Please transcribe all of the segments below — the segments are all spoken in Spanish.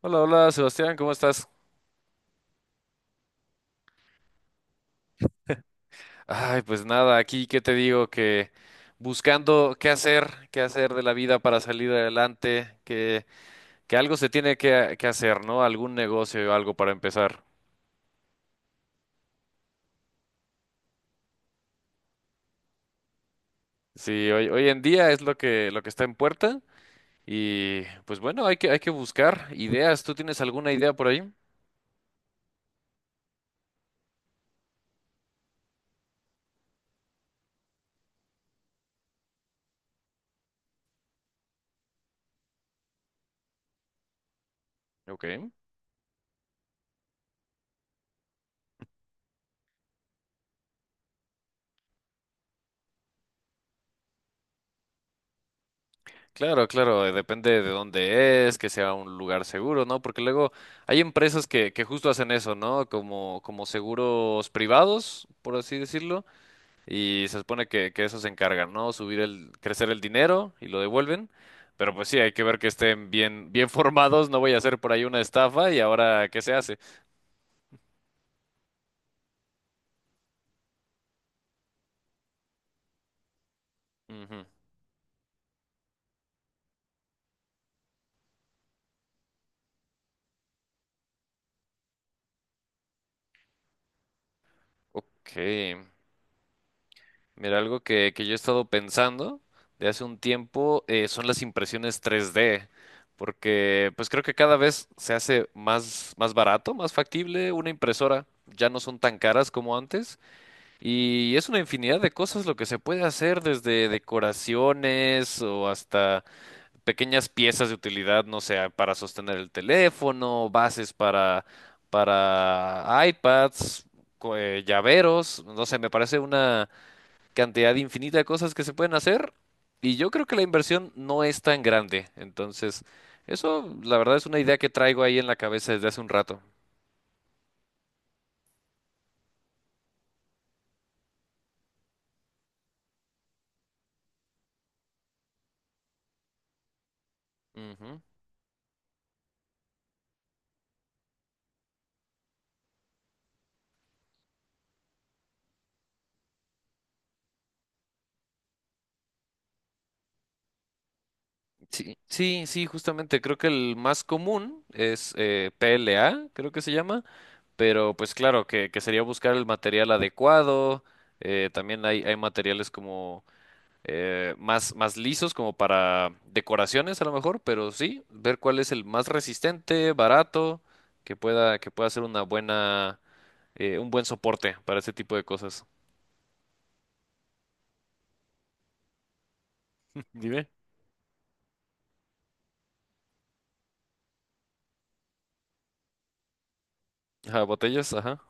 Hola, hola, Sebastián, ¿cómo estás? Ay, pues nada, aquí qué te digo que buscando qué hacer de la vida para salir adelante, que algo se tiene que hacer, ¿no? Algún negocio o algo para empezar. Sí, hoy en día es lo que está en puerta y pues bueno, hay que buscar ideas. ¿Tú tienes alguna idea por ahí? Ok. Claro, claro, depende de dónde es, que sea un lugar seguro, ¿no? Porque luego hay empresas que justo hacen eso, ¿no? Como seguros privados, por así decirlo, y se supone que eso se encargan, ¿no? Subir el, crecer el dinero y lo devuelven. Pero pues sí, hay que ver que estén bien, bien formados, no voy a hacer por ahí una estafa y ahora, ¿qué se hace? Ujú. Ok. Mira, algo que yo he estado pensando de hace un tiempo, son las impresiones 3D, porque pues creo que cada vez se hace más, más barato, más factible una impresora. Ya no son tan caras como antes y es una infinidad de cosas lo que se puede hacer desde decoraciones o hasta pequeñas piezas de utilidad, no sé, para sostener el teléfono, bases para iPads, llaveros, no sé, me parece una cantidad infinita de cosas que se pueden hacer y yo creo que la inversión no es tan grande. Entonces, eso la verdad es una idea que traigo ahí en la cabeza desde hace un rato. Ujú. Sí, sí, sí, justamente creo que el más común es PLA, creo que se llama, pero pues claro, que sería buscar el material adecuado, también hay materiales como más, más lisos como para decoraciones a lo mejor, pero sí, ver cuál es el más resistente, barato, que pueda ser una buena, un buen soporte para ese tipo de cosas. Dime. Ajá, botellas, ajá.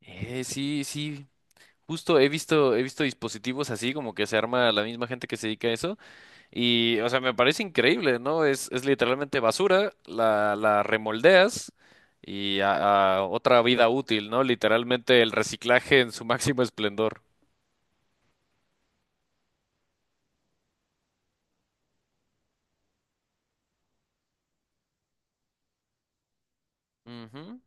Sí, sí, justo he visto dispositivos así como que se arma la misma gente que se dedica a eso. Y, o sea, me parece increíble, ¿no? Es literalmente basura, la remoldeas y a otra vida útil, ¿no? Literalmente el reciclaje en su máximo esplendor. Ujú.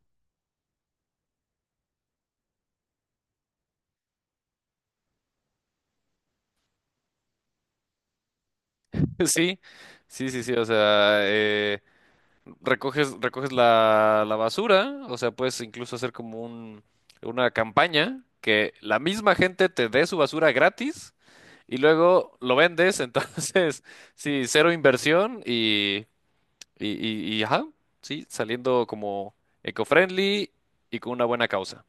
Sí, sí, sí, sí, o sea, recoges, recoges la, la basura, o sea, puedes incluso hacer como un, una campaña que la misma gente te dé su basura gratis y luego lo vendes, entonces, sí, cero inversión. Y, ajá, sí, saliendo como eco-friendly y con una buena causa.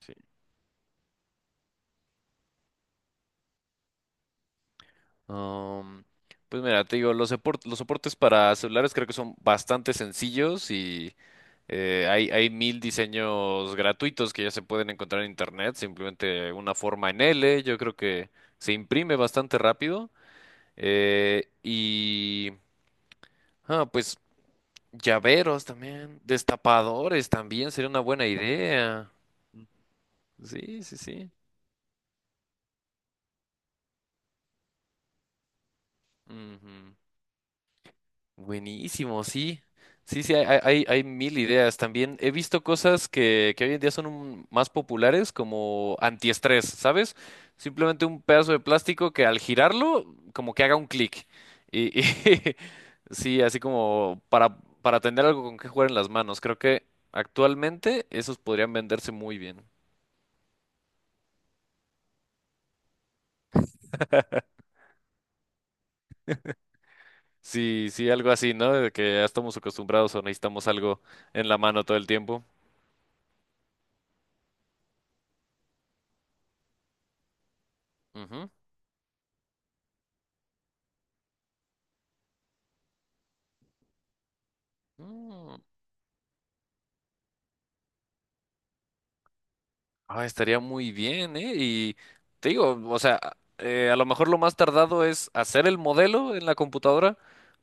Sí. Um, pues mira, te digo, los soportes para celulares creo que son bastante sencillos y hay, hay mil diseños gratuitos que ya se pueden encontrar en internet, simplemente una forma en L, yo creo que se imprime bastante rápido. eh, y, pues llaveros también, destapadores también sería una buena idea. Sí, sí, sí. Ujú. Buenísimo, sí. Sí, sí, hay mil ideas. También he visto cosas que hoy en día son más populares como antiestrés, ¿sabes? Simplemente un pedazo de plástico que al girarlo, como que haga un clic. Y sí, así como para tener algo con que jugar en las manos. Creo que actualmente esos podrían venderse muy bien. Sí, sí, algo así, ¿no? De que ya estamos acostumbrados o necesitamos algo en la mano todo el tiempo. Ujú. Ah, estaría muy bien, ¿eh? Y te digo, o sea, a lo mejor lo más tardado es hacer el modelo en la computadora,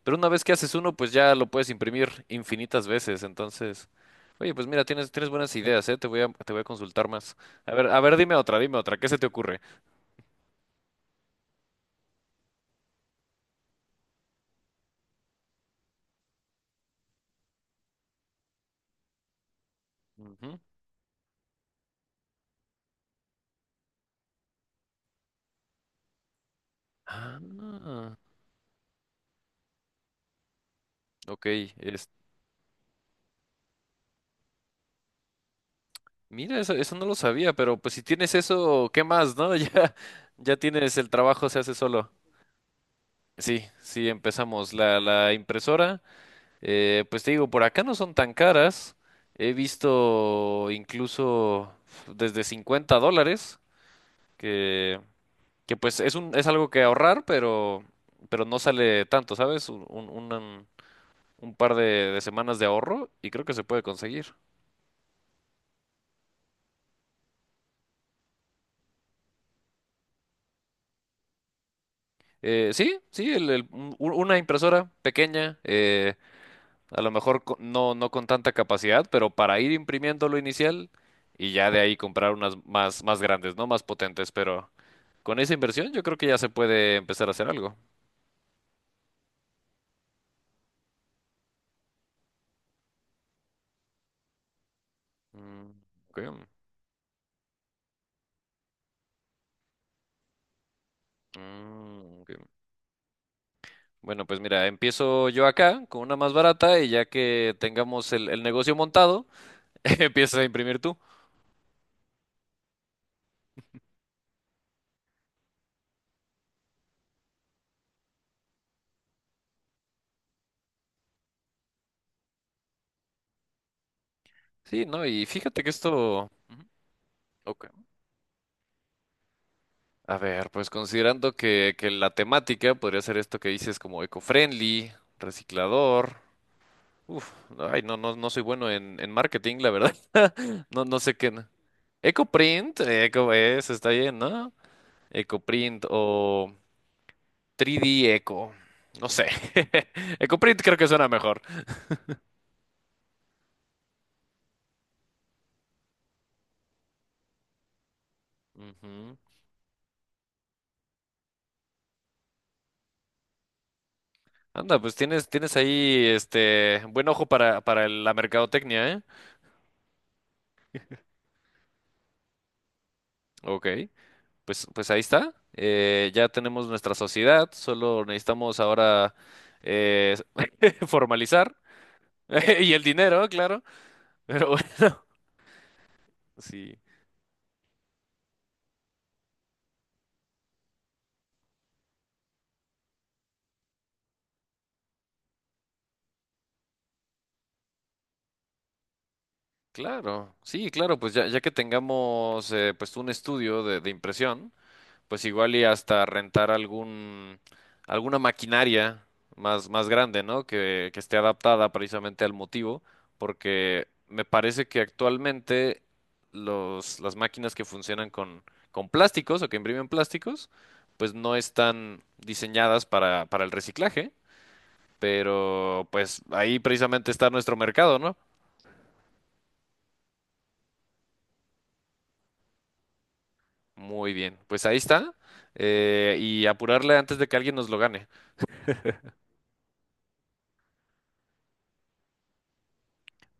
pero una vez que haces uno, pues ya lo puedes imprimir infinitas veces. Entonces, oye, pues mira, tienes, tienes buenas ideas, ¿eh? Te voy a consultar más. A ver, dime otra, ¿qué se te ocurre? Ujú. Ah, ok. es- Mira, eso no lo sabía, pero pues si tienes eso, ¿qué más, no? Ya, ya tienes el trabajo, se hace solo. Sí, sí, empezamos. La impresora. Pues te digo, por acá no son tan caras. He visto incluso desde $50, que, que pues es un, es algo que ahorrar, pero no sale tanto, ¿sabes? Un par de semanas de ahorro y creo que se puede conseguir. Sí, sí, una impresora pequeña, a lo mejor no, no con tanta capacidad, pero para ir imprimiendo lo inicial y ya de ahí comprar unas más, más grandes, ¿no? Más potentes, pero con esa inversión yo creo que ya se puede empezar a hacer algo. Mm, ok, mm, ok. Bueno, pues mira, empiezo yo acá con una más barata y ya que tengamos el negocio montado, empiezas a imprimir tú. Sí, ¿no? Y fíjate que esto... Ujú, ok. A ver, pues considerando que la temática podría ser esto que dices como eco-friendly, reciclador. Uf, ay, no, no, no soy bueno en marketing, la verdad. No, no sé qué. No. EcoPrint, Eco es, está bien, ¿no? EcoPrint o 3D Eco. No sé. EcoPrint creo que suena mejor. Ujú. Anda, pues tienes, tienes ahí este buen ojo para la mercadotecnia, ¿eh? Ok, pues, pues ahí está. Ya tenemos nuestra sociedad, solo necesitamos ahora eh, formalizar. Y el dinero, claro. Pero bueno, sí. Claro, sí, claro, pues ya, ya que tengamos pues un estudio de impresión, pues igual y hasta rentar algún alguna maquinaria más, más grande, ¿no? Que esté adaptada precisamente al motivo, porque me parece que actualmente los, las máquinas que funcionan con plásticos o que imprimen plásticos, pues no están diseñadas para el reciclaje, pero pues ahí precisamente está nuestro mercado, ¿no? Muy bien, pues ahí está. Y apurarle antes de que alguien nos lo gane.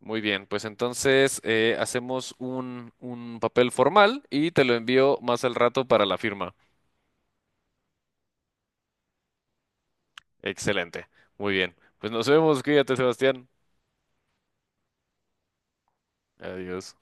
Muy bien, pues entonces, hacemos un papel formal y te lo envío más al rato para la firma. Excelente. Muy bien. Pues nos vemos. Cuídate, Sebastián. Adiós.